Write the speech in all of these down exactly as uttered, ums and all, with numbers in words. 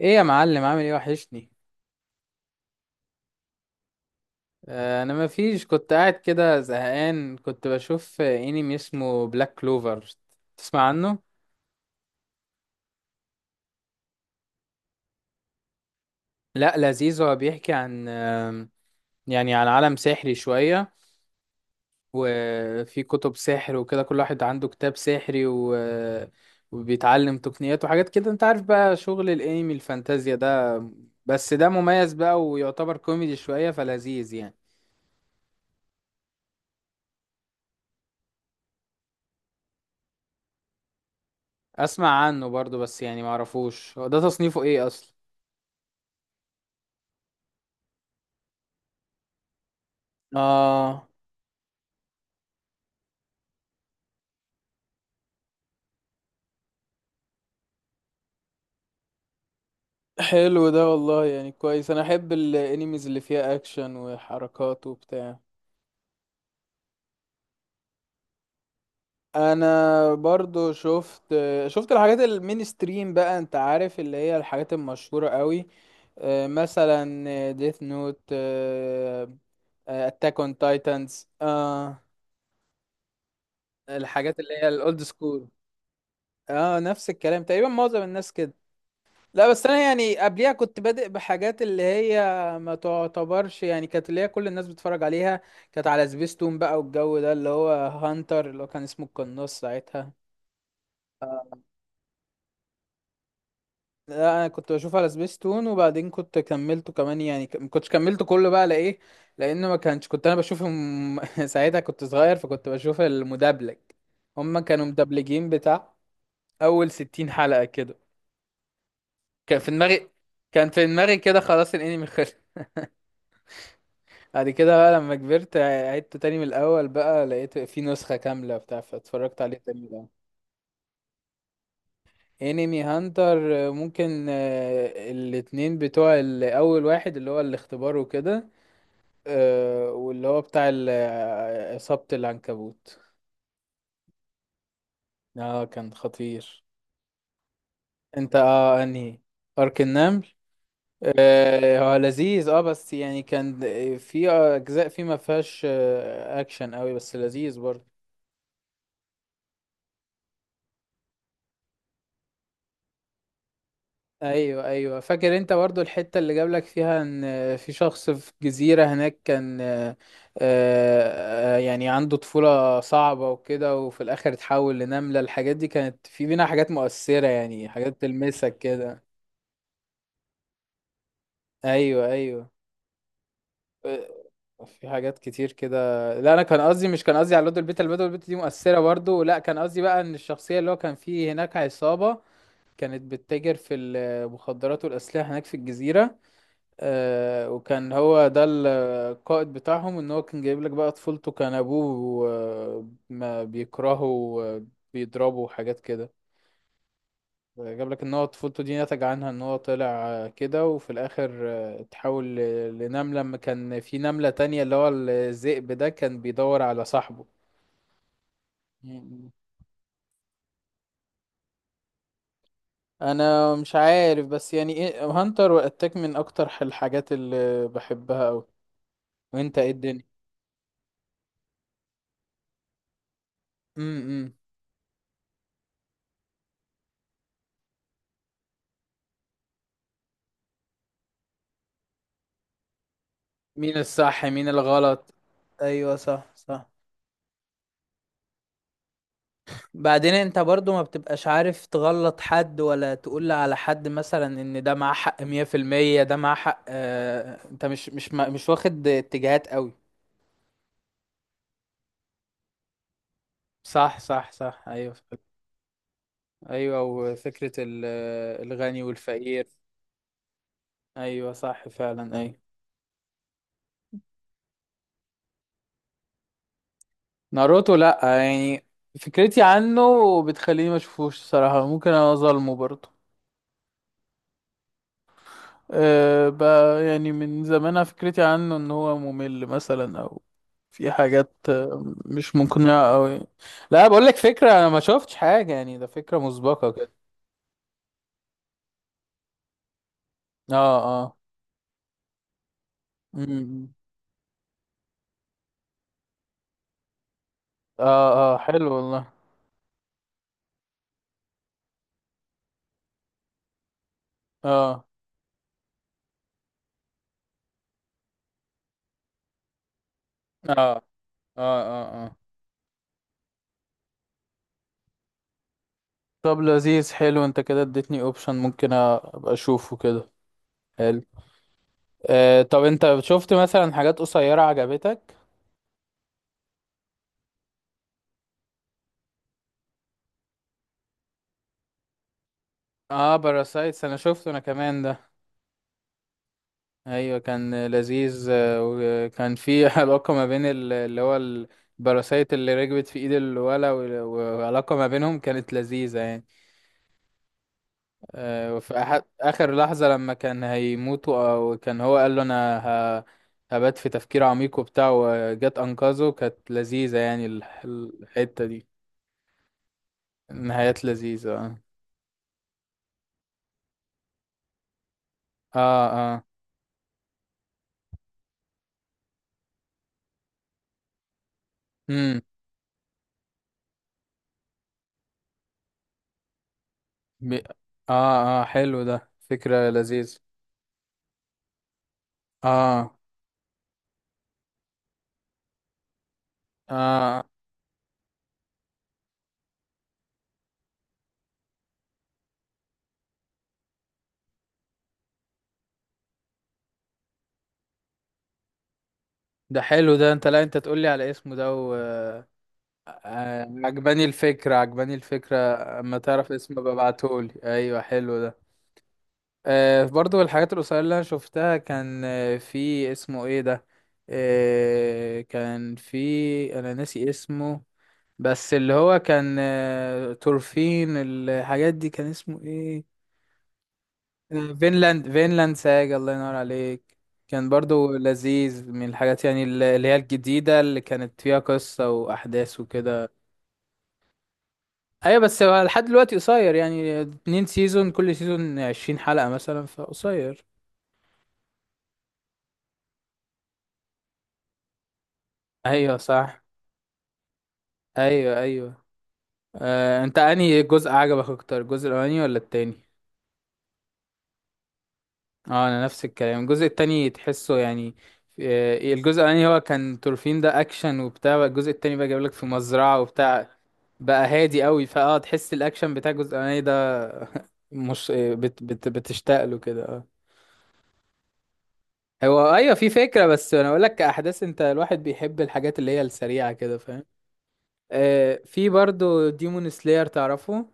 ايه يا معلم، عامل ايه؟ وحشني. آه، انا ما فيش، كنت قاعد كده زهقان، كنت بشوف انمي اسمه بلاك كلوفر. تسمع عنه؟ لا لذيذ، هو بيحكي عن آم، يعني عن عالم سحري شوية، وفي كتب سحر وكده، كل واحد عنده كتاب سحري و... وبيتعلم تقنيات وحاجات كده. انت عارف بقى شغل الانمي الفانتازيا ده، بس ده مميز بقى ويعتبر كوميدي شوية، فلذيذ يعني. اسمع عنه برضو بس يعني معرفوش هو ده تصنيفه ايه اصلا. اه حلو ده والله، يعني كويس، انا احب الانيميز اللي فيها اكشن وحركات وبتاع. انا برضو شفت، شفت الحاجات المين ستريم بقى، انت عارف اللي هي الحاجات المشهورة قوي. آه، مثلا ديث نوت، اتاك اون تايتنز، الحاجات اللي هي الاولد سكول. اه نفس الكلام تقريبا، معظم الناس كده. لا بس انا يعني قبليها كنت بادئ بحاجات اللي هي، ما تعتبرش يعني، كانت اللي هي كل الناس بتتفرج عليها. كانت على سبيستون بقى، والجو ده، اللي هو هانتر اللي هو كان اسمه القناص ساعتها. لا انا كنت بشوف على سبيستون، وبعدين كنت كملته كمان يعني، ك- ما كنتش كملته كله بقى لايه؟ لانه ما كانش، كنت انا بشوفهم ساعتها كنت صغير، فكنت بشوف المدبلج. هما كانوا مدبلجين بتاع اول ستين حلقة كده. كان في دماغي، كان في دماغي كده، خلاص الانمي. بعد كده بقى لما كبرت عدته تاني من الأول بقى، لقيت في نسخة كاملة بتاع، فاتفرجت عليه تاني من الأول. انمي هانتر، ممكن آه، الاتنين، بتوع ال- أول واحد اللي هو الاختبار وكده، آه، واللي هو بتاع ال- آه، إصابة العنكبوت. اه كان خطير. انت اه انهي؟ أرك النمل. آه، هو لذيذ اه، بس يعني كان في أجزاء فيه ما فيهاش آه، أكشن قوي، بس لذيذ برضه. ايوه ايوه فاكر، انت برضو الحته اللي جابلك فيها ان في شخص في جزيره هناك، كان آه، آه، يعني عنده طفوله صعبه وكده، وفي الاخر اتحول لنمله. الحاجات دي كانت في بينا حاجات مؤثره يعني، حاجات تلمسك كده. ايوه ايوه. آه، في حاجات كتير كده. لا انا كان قصدي، مش كان قصدي على لود البيت، البيت البيت دي مؤثره برضو، لا كان قصدي بقى ان الشخصيه اللي هو كان فيه هناك عصابه كانت بتتاجر في المخدرات والاسلحه هناك في الجزيره. آه، وكان هو ده القائد بتاعهم. ان هو كان جايب لك بقى طفولته، كان ابوه آه، ما بيكرهه وبيضربه وحاجات كده. جاب لك ان هو طفولته دي نتج عنها ان هو طلع آه، كده، وفي الاخر آه، اتحول ل- لنملة، لما كان في نملة تانية اللي هو الذئب ده كان بيدور على صاحبه. مم. انا مش عارف، بس يعني ايه، هانتر واتاك من اكتر الحاجات اللي بحبها اوي. وانت ايه الدنيا؟ امم. مين الصح مين الغلط. ايوه صح صح. بعدين انت برضو ما بتبقاش عارف تغلط حد، ولا تقول على حد مثلا ان ده معاه حق مية في المية ده معاه حق، آه انت مش مش ما- مش واخد اتجاهات قوي. صح صح صح ايوه. ايوه، وفكرة ال- الغني والفقير. ايوه صح فعلا ايوه. ناروتو لا، يعني فكرتي عنه بتخليني ما اشوفوش الصراحة، ممكن انا اظلمه برضو. أه بقى يعني من زمان أنا فكرتي عنه ان هو ممل مثلا، او في حاجات آه، مش مقنعة اوي. لا بقول لك فكرة، انا ما شفتش حاجة يعني، ده فكرة مسبقة كده. اه اه. أمم. اه اه حلو والله. اه اه. اه اه. اه. طب لذيذ، حلو، انت كده اديتني اوبشن ممكن ابقى اشوفه كده. حلو. آه طب انت شفت مثلا حاجات قصيرة عجبتك؟ اه باراسايتس، انا شفته انا كمان ده. ايوه كان لذيذ، آه، وكان في علاقه ما بين ال- اللي هو الباراسايت اللي ركبت في ايد الولا، وال- وعلاقه ما بينهم كانت لذيذه يعني. آه، وفي أح- اخر لحظه لما كان هيموتوا، او كان هو قال له انا ه- هبات في تفكير عميق وبتاع، وجت انقذه، كانت لذيذه يعني، الح- الحته دي. نهايات لذيذه اه. اه اه. امم. بي- اه اه، حلو ده، فكره لذيذه. اه اه. ده حلو ده، انت لا انت تقولي على اسمه ده و... آه، عجباني الفكرة، عجباني الفكرة. اما تعرف اسمه ببعتهولي، ايوه حلو ده. آه برضو الحاجات القصيرة اللي انا شفتها، كان آه، في اسمه ايه ده؟ آه كان في، انا ناسي اسمه، بس اللي هو كان آه، تورفين، الحاجات دي، كان اسمه ايه؟ فينلاند، فينلاند ساج، الله ينور عليك. كان برضو لذيذ من الحاجات يعني، الل- اللي هي الجديدة اللي كانت فيها قصة وأحداث وكده. أيوة بس هو لحد دلوقتي قصير يعني، اتنين سيزون، كل سيزون عشرين حلقة مثلا، فقصير. أيوة صح. أيوة أيوة. آه، أنت أنهي جزء عجبك أكتر، الجزء الأولاني ولا التاني؟ اه انا نفس الكلام، الجزء التاني تحسه يعني، آه، الجزء الاولاني هو كان تورفين ده اكشن وبتاع بقى، الجزء التاني بقى جايبلك في مزرعة وبتاع. بقى هادي قوي، فاه تحس الاكشن بتاع الجزء الاولاني ده مش آه، بت بت بتشتاق له كده اه. هو ايوه في فكرة، بس انا اقول لك، كاحداث انت الواحد بيحب الحاجات اللي هي السريعة كده، فاهم؟ آه في برضو ديمون سلاير، تعرفه؟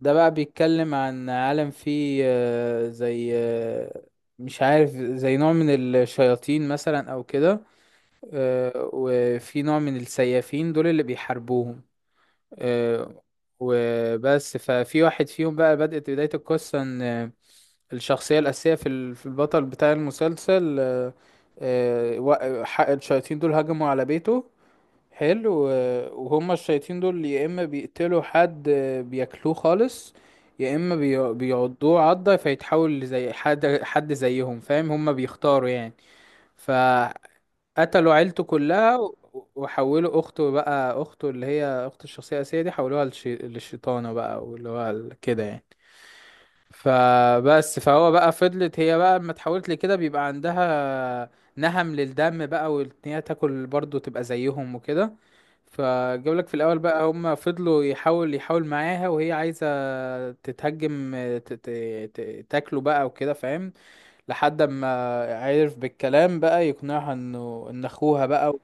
ده بقى بيتكلم عن عالم فيه آه، زي آه، مش عارف، زي نوع من الشياطين مثلا او كده. آه، وفي نوع من السيافين دول اللي بيحاربوهم. آه، وبس، ففي واحد فيهم بقى بدأت بداية القصة، ان آه، الشخصية الأساسية في ال- في البطل بتاع المسلسل، آه، آه، وا- ح- الشياطين دول هجموا على بيته. حلو، آه، وهما الشياطين دول يا اما بيقتلوا حد آه، بياكلوه خالص، يا اما بي- بيعضوه عضة فيتحول زي حد حد زيهم، فاهم؟ هما بيختاروا يعني. فقتلوا عيلته كلها و- وحولوا اخته بقى، اخته اللي هي اخت الشخصية الأساسية دي، حولوها للش- للشيطانة بقى، واللي هو ال- كده يعني. فبس فهو بقى فضلت هي بقى، لما اتحولت لكده بيبقى عندها نهم للدم بقى، وان هي تاكل برضه تبقى زيهم وكده. فجابلك في الاول بقى، هما فضلوا، يحاول يحاول معاها، وهي عايزه تتهجم، ت- ت- ت- تاكله بقى وكده، فاهم؟ لحد ما عرف بالكلام بقى يقنعها انه ان اخوها بقى و-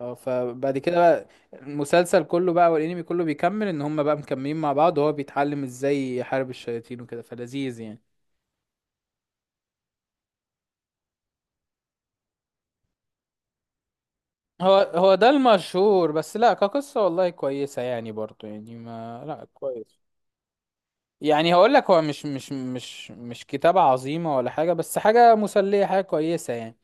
آه، فبعد كده بقى المسلسل كله بقى والانمي كله بيكمل ان هما بقى مكملين مع بعض، وهو بيتعلم ازاي يحارب الشياطين وكده، فلذيذ يعني. هو هو ده المشهور، بس لا كقصة والله كويسة يعني، برضو يعني ما، لا كويس. يعني هقول لك، هو مش مش مش مش كتابة عظيمة ولا حاجة، بس حاجة مسلية، حاجة كويسة يعني.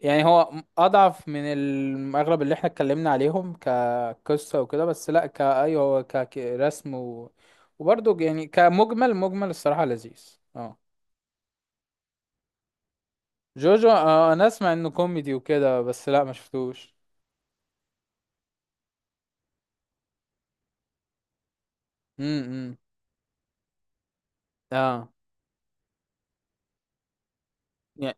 يعني هو م- أضعف من ال- أغلب اللي احنا اتكلمنا عليهم كقصة وكده، بس لا كأيوه هو ك- كرسم و... وبرضه يعني كمجمل، مجمل الصراحة لذيذ اه. جوجو آه أنا أسمع إنه كوميدي وكده، بس لا ما شفتوش. امم. اه. يع-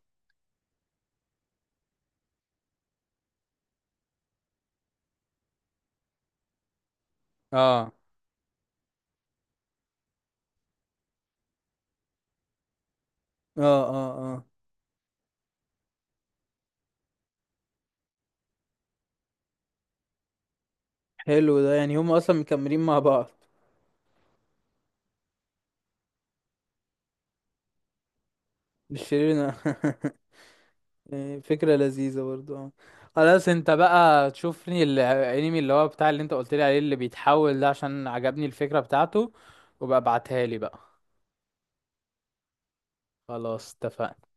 اه اه اه اه، حلو ده، يعني هم أصلا مكملين مع بعض. مش شيرين إيه، فكرة لذيذة برضو اه. خلاص انت بقى تشوف لي الانمي اللي هو بتاع اللي انت قلت لي عليه اللي بيتحول ده، عشان عجبني الفكرة بتاعته، وبقى ابعتها لي بقى. خلاص اتفقنا.